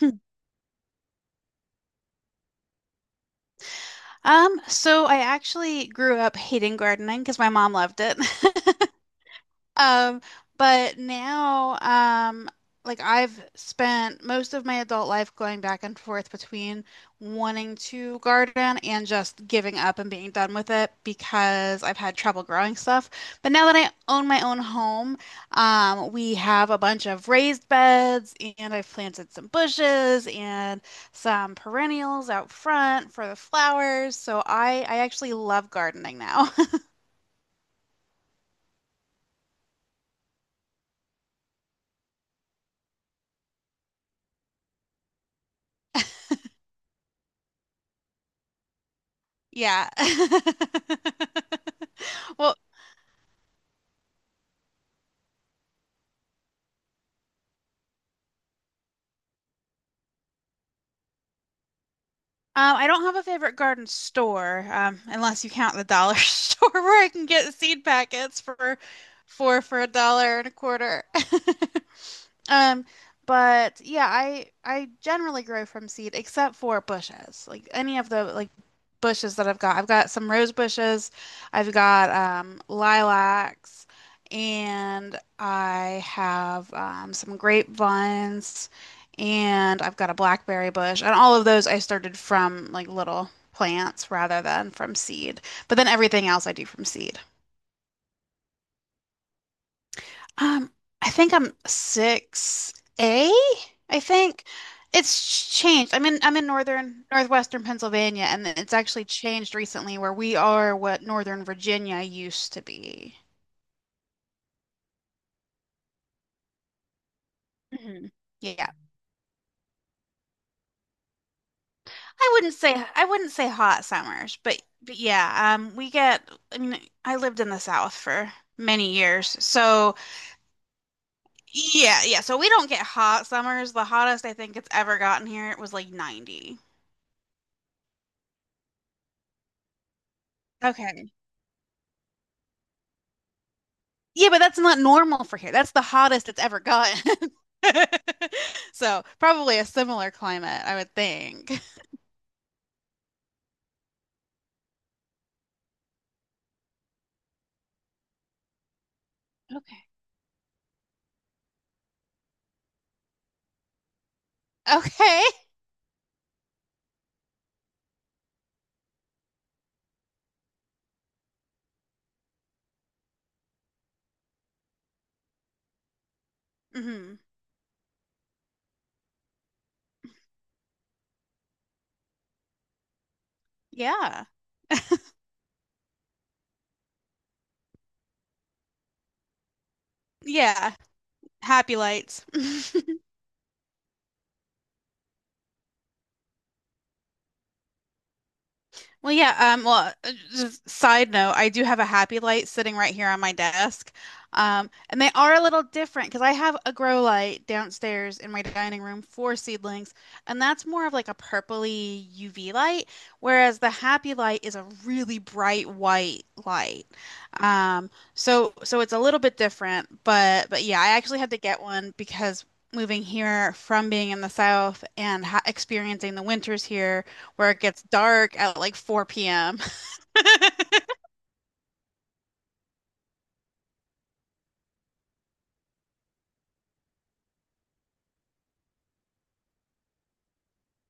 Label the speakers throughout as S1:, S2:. S1: Hmm. So I actually grew up hating gardening because my mom loved it. Um, but now, like I've spent most of my adult life going back and forth between wanting to garden and just giving up and being done with it because I've had trouble growing stuff. But now that I own my own home, we have a bunch of raised beds and I've planted some bushes and some perennials out front for the flowers. So I actually love gardening now. Yeah. Well, um, I don't have a favorite garden store, unless you count the dollar store where I can get seed packets for for a dollar and a quarter. Um, but yeah, I generally grow from seed except for bushes. Like any of the like bushes that I've got. I've got some rose bushes, I've got lilacs, and I have some grapevines, and I've got a blackberry bush. And all of those I started from like little plants rather than from seed. But then everything else I do from seed. Um, I think I'm six A, I think. It's changed. I'm in northern northwestern Pennsylvania, and it's actually changed recently where we are what Northern Virginia used to be. Hmm. Yeah. I wouldn't say hot summers, but yeah, we get, I mean I lived in the South for many years. So yeah, yeah. So we don't get hot summers. The hottest I think it's ever gotten here, it was like 90. Okay. Yeah, but that's not normal for here. That's the hottest it's ever gotten. So probably a similar climate, I would think. Okay. Okay. Hmm. Yeah. Yeah. Happy lights. Well, yeah, just side note, I do have a Happy Light sitting right here on my desk. And they are a little different because I have a grow light downstairs in my dining room for seedlings, and that's more of like a purpley UV light, whereas the Happy Light is a really bright white light. So it's a little bit different, but yeah, I actually had to get one because moving here from being in the South and ha experiencing the winters here where it gets dark at like 4 p.m.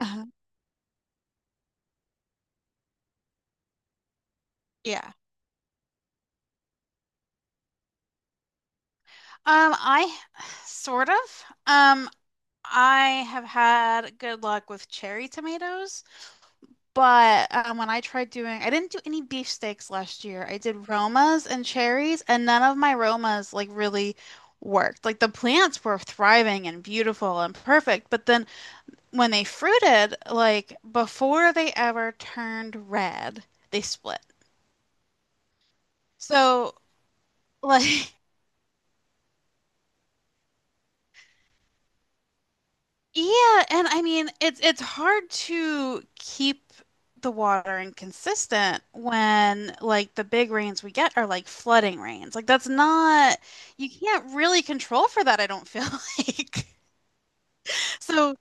S1: Yeah. I sort of. I have had good luck with cherry tomatoes, but when I tried doing, I didn't do any beefsteaks last year. I did Romas and cherries, and none of my Romas like really worked. Like the plants were thriving and beautiful and perfect, but then when they fruited, like before they ever turned red, they split. So like. Yeah, and I mean it's hard to keep the watering consistent when like the big rains we get are like flooding rains. Like that's not, you can't really control for that, I don't feel, like. So,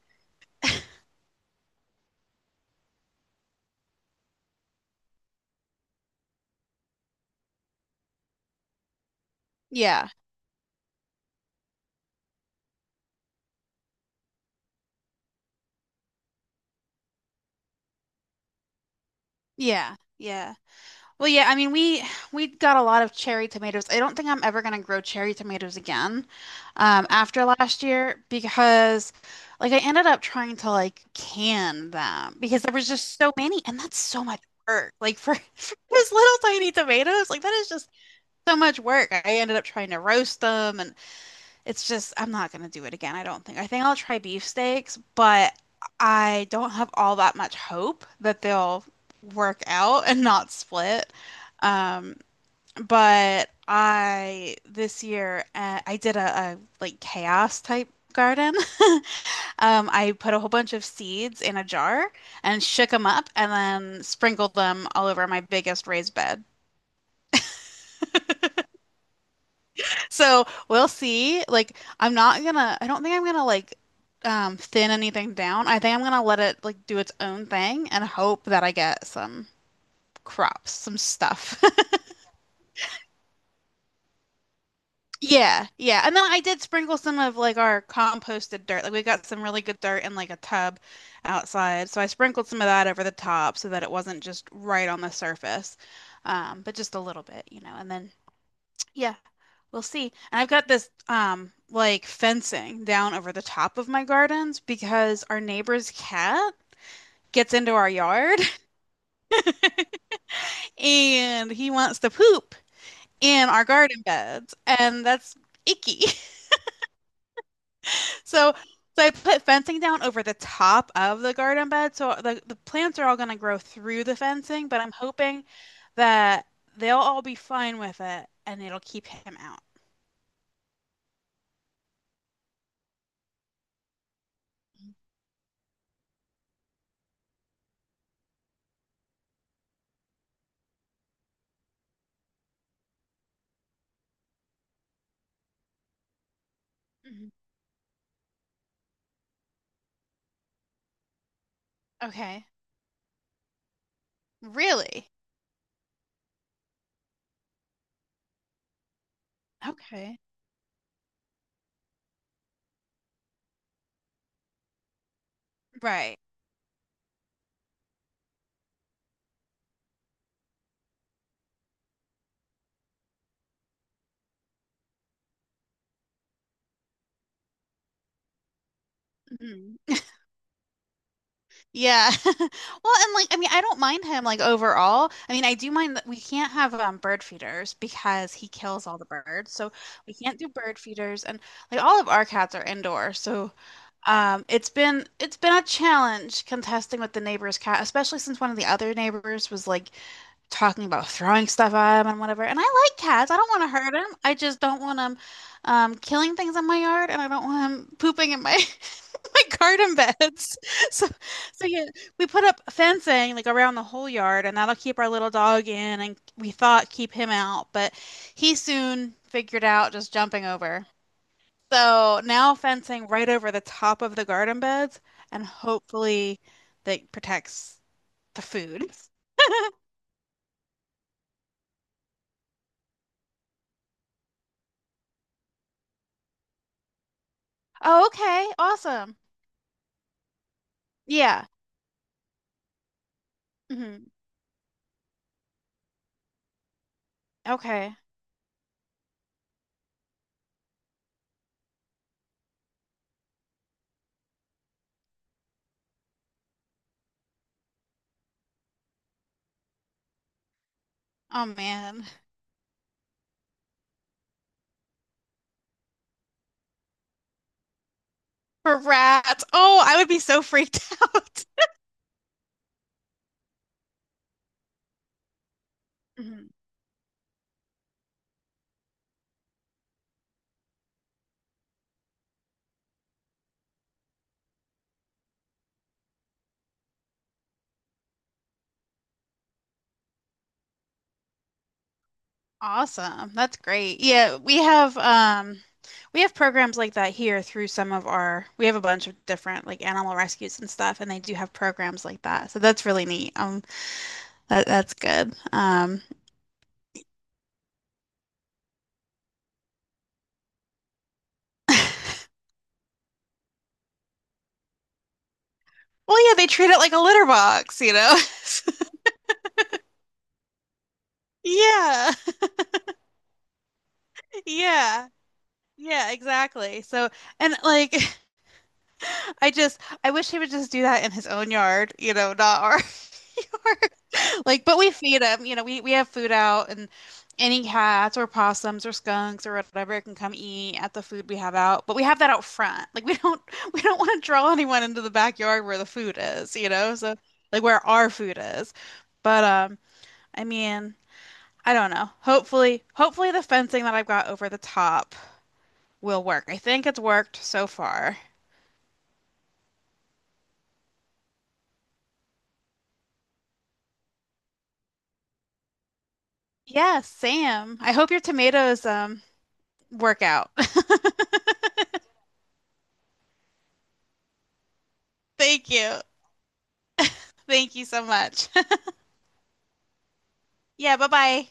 S1: yeah. Yeah. Yeah. Well, yeah, I mean we got a lot of cherry tomatoes. I don't think I'm ever gonna grow cherry tomatoes again, after last year, because like I ended up trying to like can them because there was just so many, and that's so much work. Like for, for those little tiny tomatoes, like that is just so much work. I ended up trying to roast them, and it's just I'm not gonna do it again, I don't think. I think I'll try beefsteaks, but I don't have all that much hope that they'll work out and not split. Um, but I this year I did a like chaos type garden. I put a whole bunch of seeds in a jar and shook them up and then sprinkled them all over my biggest raised bed. So we'll see. Like, I don't think I'm gonna like thin anything down. I think I'm gonna let it like do its own thing and hope that I get some crops, some stuff. Yeah, yeah. And then I did sprinkle some of like our composted dirt. Like we got some really good dirt in like a tub outside. So I sprinkled some of that over the top so that it wasn't just right on the surface. But just a little bit, you know. And then yeah, we'll see. And I've got this like fencing down over the top of my gardens because our neighbor's cat gets into our yard and he wants to poop in our garden beds, and that's icky. So so I put fencing down over the top of the garden bed. So the plants are all going to grow through the fencing, but I'm hoping that they'll all be fine with it, and it'll keep him out. Mhm. Okay. Really? Okay. Right. Mhm. Yeah. Well, and like I mean, I don't mind him like overall. I mean, I do mind that we can't have bird feeders because he kills all the birds. So we can't do bird feeders, and like all of our cats are indoor. So it's been a challenge contesting with the neighbor's cat, especially since one of the other neighbors was like talking about throwing stuff at him and whatever. And I like cats. I don't want to hurt him. I just don't want him, killing things in my yard, and I don't want him pooping in my my garden beds. So, so yeah, we put up fencing like around the whole yard, and that'll keep our little dog in, and we thought keep him out, but he soon figured out just jumping over. So now fencing right over the top of the garden beds, and hopefully that protects the food. Oh, okay. Awesome. Yeah. Hmm. Okay. Oh, man. For rats. Oh, I would be so freaked out. Mhm. Awesome. That's great. Yeah, we have we have programs like that here through some of our, we have a bunch of different like animal rescues and stuff, and they do have programs like that. So that's really neat. That that's good. Well, yeah, they treat it like a litter box, you know? Yeah, yeah, yeah, exactly. So, and like, I just, I wish he would just do that in his own yard, you know, not our yard. Like, but we feed him, you know, we have food out, and any cats or possums or skunks or whatever can come eat at the food we have out. But we have that out front. Like, we don't, we don't want to draw anyone into the backyard where the food is, you know? So, like, where our food is. But I mean. I don't know. Hopefully the fencing that I've got over the top will work. I think it's worked so far. Yes, Sam. I hope your tomatoes work out. Thank you. Thank you so much. Yeah, bye-bye.